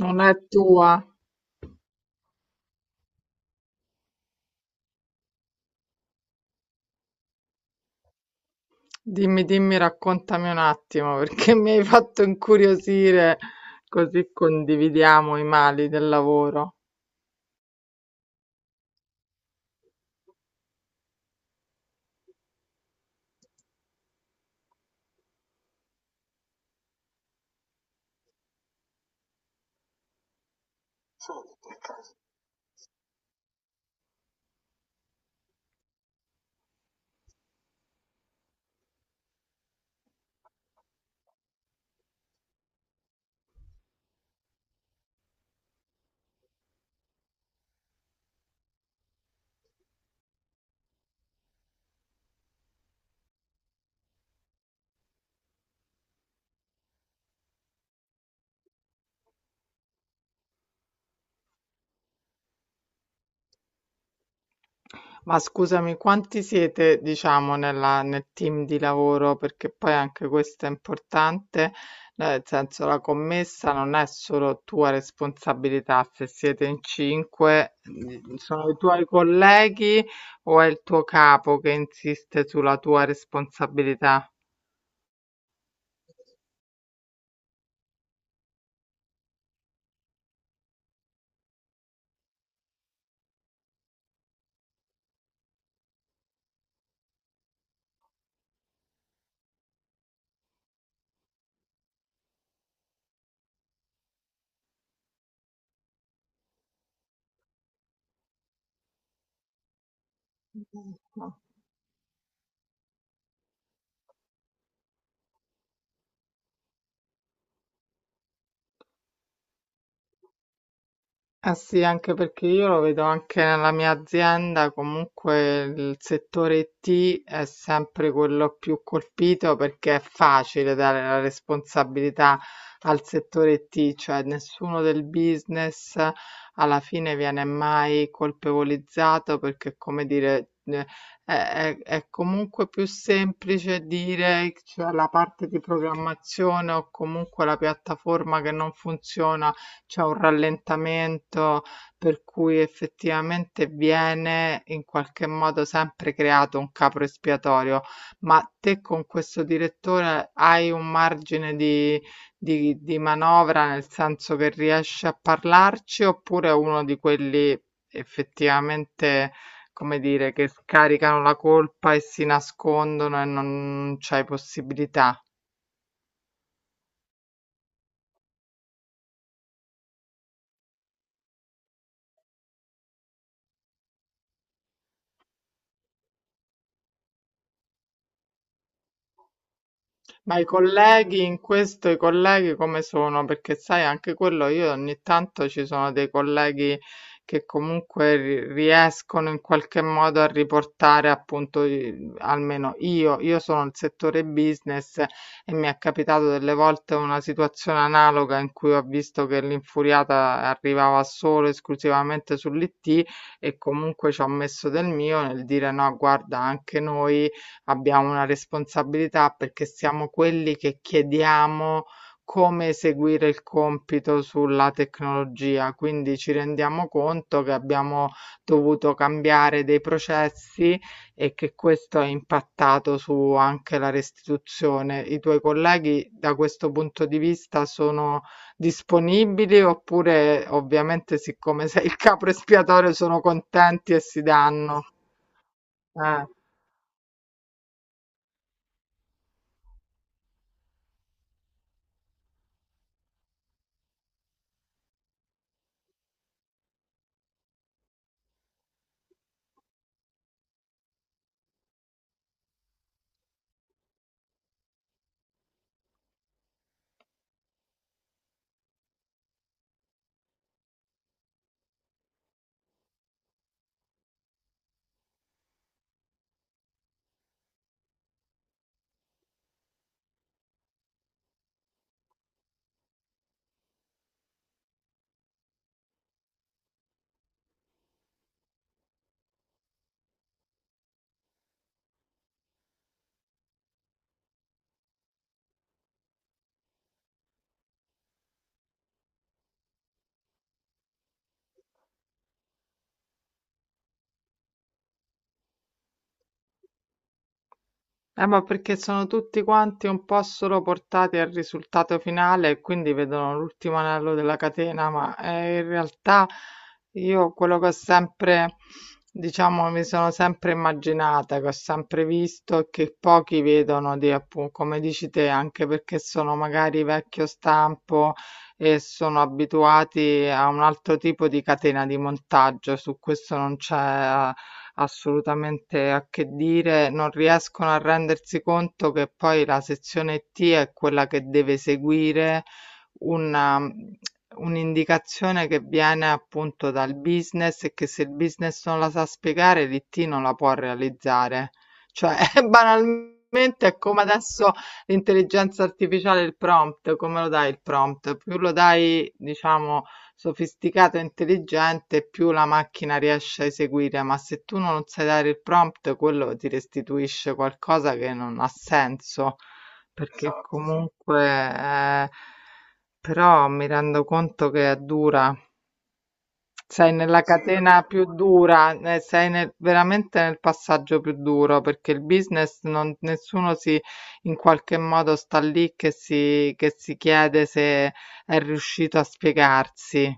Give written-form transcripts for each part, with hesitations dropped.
Non è tua. Dimmi, dimmi, raccontami un attimo perché mi hai fatto incuriosire, così condividiamo i mali del lavoro. Ma scusami, quanti siete, diciamo, nel team di lavoro? Perché poi anche questo è importante, nel senso la commessa non è solo tua responsabilità, se siete in cinque, sono i tuoi colleghi o è il tuo capo che insiste sulla tua responsabilità? Eh sì, anche perché io lo vedo anche nella mia azienda, comunque il settore IT è sempre quello più colpito perché è facile dare la responsabilità al settore IT, cioè nessuno del business alla fine viene mai colpevolizzato perché, come dire, è, è comunque più semplice dire, cioè, la parte di programmazione o comunque la piattaforma che non funziona c'è un rallentamento per cui effettivamente viene in qualche modo sempre creato un capro espiatorio. Ma te con questo direttore hai un margine di, di manovra nel senso che riesci a parlarci oppure è uno di quelli effettivamente, come dire, che scaricano la colpa e si nascondono e non c'hai possibilità? Ma i colleghi in questo, i colleghi come sono? Perché sai, anche quello io ogni tanto ci sono dei colleghi che comunque riescono in qualche modo a riportare appunto, almeno io sono nel settore business e mi è capitato delle volte una situazione analoga in cui ho visto che l'infuriata arrivava solo esclusivamente sull'IT e comunque ci ho messo del mio nel dire no, guarda, anche noi abbiamo una responsabilità perché siamo quelli che chiediamo come eseguire il compito sulla tecnologia, quindi ci rendiamo conto che abbiamo dovuto cambiare dei processi e che questo ha impattato su anche la restituzione. I tuoi colleghi da questo punto di vista sono disponibili oppure ovviamente siccome sei il capo espiatorio sono contenti e si danno? Eh. Ma perché sono tutti quanti un po' solo portati al risultato finale e quindi vedono l'ultimo anello della catena, ma in realtà io quello che ho sempre, diciamo, mi sono sempre immaginata, che ho sempre visto e che pochi vedono, di, appunto, come dici te, anche perché sono magari vecchio stampo e sono abituati a un altro tipo di catena di montaggio, su questo non c'è assolutamente a che dire, non riescono a rendersi conto che poi la sezione T è quella che deve seguire una, un'indicazione che viene appunto dal business e che se il business non la sa spiegare, l'IT non la può realizzare. Cioè, banalmente è come adesso l'intelligenza artificiale il prompt, come lo dai il prompt? Più lo dai, diciamo, sofisticato e intelligente, più la macchina riesce a eseguire, ma se tu non sai dare il prompt, quello ti restituisce qualcosa che non ha senso, perché Esatto, sì. Comunque, però mi rendo conto che è dura. Sei nella, sì, catena più dura, veramente nel passaggio più duro perché il business non, nessuno si in qualche modo sta lì che si chiede se è riuscito a spiegarsi.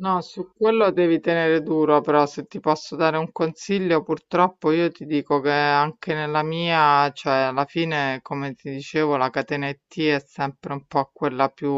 No, su quello devi tenere duro, però se ti posso dare un consiglio, purtroppo io ti dico che anche nella mia, cioè alla fine, come ti dicevo, la catena IT è sempre un po' quella più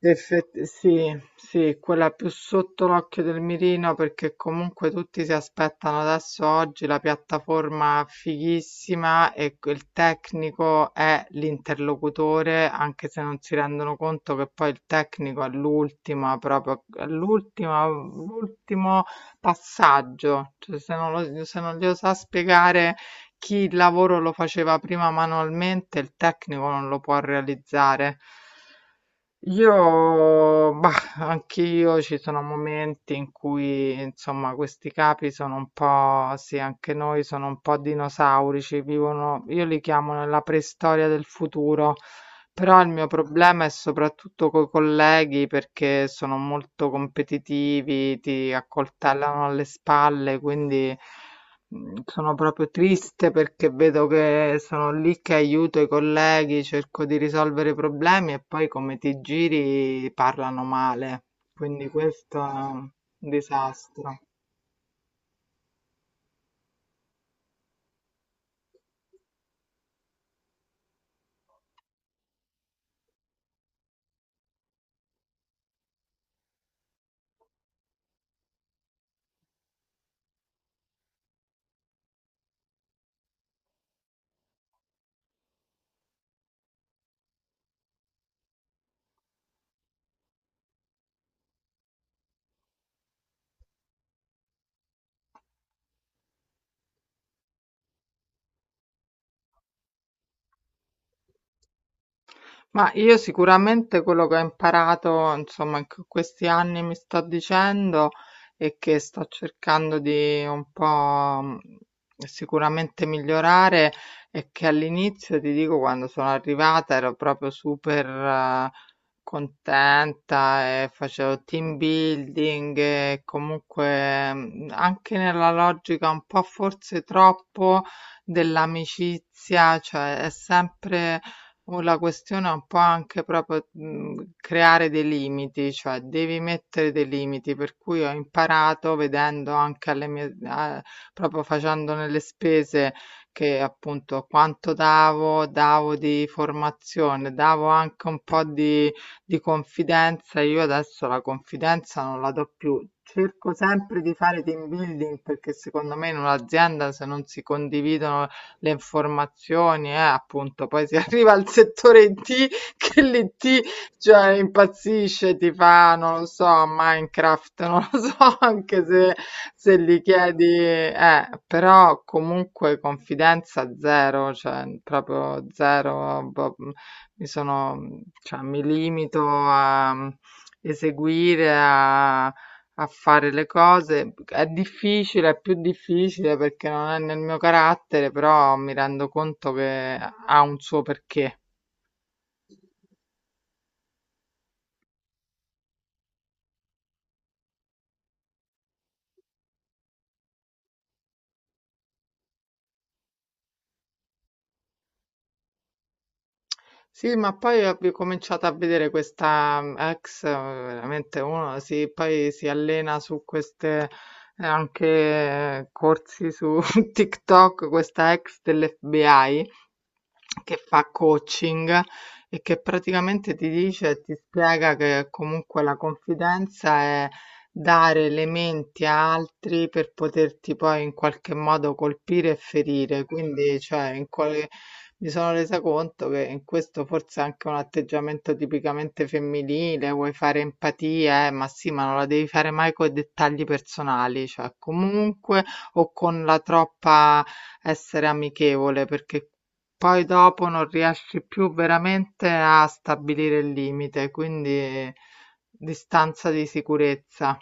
Sì, sì, quella più sotto l'occhio del mirino perché comunque tutti si aspettano adesso oggi la piattaforma fighissima e il tecnico è l'interlocutore, anche se non si rendono conto che poi il tecnico è l'ultima, proprio l'ultima, l'ultimo passaggio. Cioè, se non glielo sa spiegare chi il lavoro lo faceva prima manualmente, il tecnico non lo può realizzare. Io, bah, anch'io ci sono momenti in cui, insomma, questi capi sono un po', sì, anche noi sono un po' dinosaurici, vivono, io li chiamo nella preistoria del futuro, però il mio problema è soprattutto coi colleghi perché sono molto competitivi, ti accoltellano alle spalle, quindi... Mhmm, sono proprio triste perché vedo che sono lì che aiuto i colleghi, cerco di risolvere i problemi e poi come ti giri parlano male. Quindi questo è un disastro. Ma io sicuramente quello che ho imparato, insomma, in questi anni mi sto dicendo e che sto cercando di un po' mh, sicuramente migliorare è che all'inizio, ti dico, quando sono arrivata ero proprio super contenta e facevo team building e comunque anche nella logica un po' forse troppo dell'amicizia, cioè è sempre la questione è un po' anche proprio creare dei limiti, cioè devi mettere dei limiti, per cui ho imparato vedendo anche alle mie, proprio facendone le spese, che appunto quanto davo, davo di formazione, davo anche un po' di confidenza, io adesso la confidenza non la do più. Cerco sempre di fare team building perché secondo me in un'azienda se non si condividono le informazioni, appunto, poi si arriva al settore IT che l'IT, cioè, impazzisce, ti fa, non lo so, Minecraft, non lo so, anche se, se gli chiedi, però comunque confidenza zero, cioè, proprio zero, boh, mi sono, cioè, mi limito a eseguire, a a fare le cose. È difficile, è più difficile perché non è nel mio carattere, però mi rendo conto che ha un suo perché. Sì, ma poi ho ricominciato a vedere questa ex, veramente uno si, poi si allena su queste anche corsi su TikTok, questa ex dell'FBI che fa coaching e che praticamente ti dice, ti spiega che comunque la confidenza è dare elementi a altri per poterti poi in qualche modo colpire e ferire, quindi cioè in quale mi sono resa conto che in questo forse è anche un atteggiamento tipicamente femminile, vuoi fare empatia, ma sì, ma non la devi fare mai con i dettagli personali, cioè comunque o con la troppa essere amichevole, perché poi dopo non riesci più veramente a stabilire il limite, quindi distanza di sicurezza.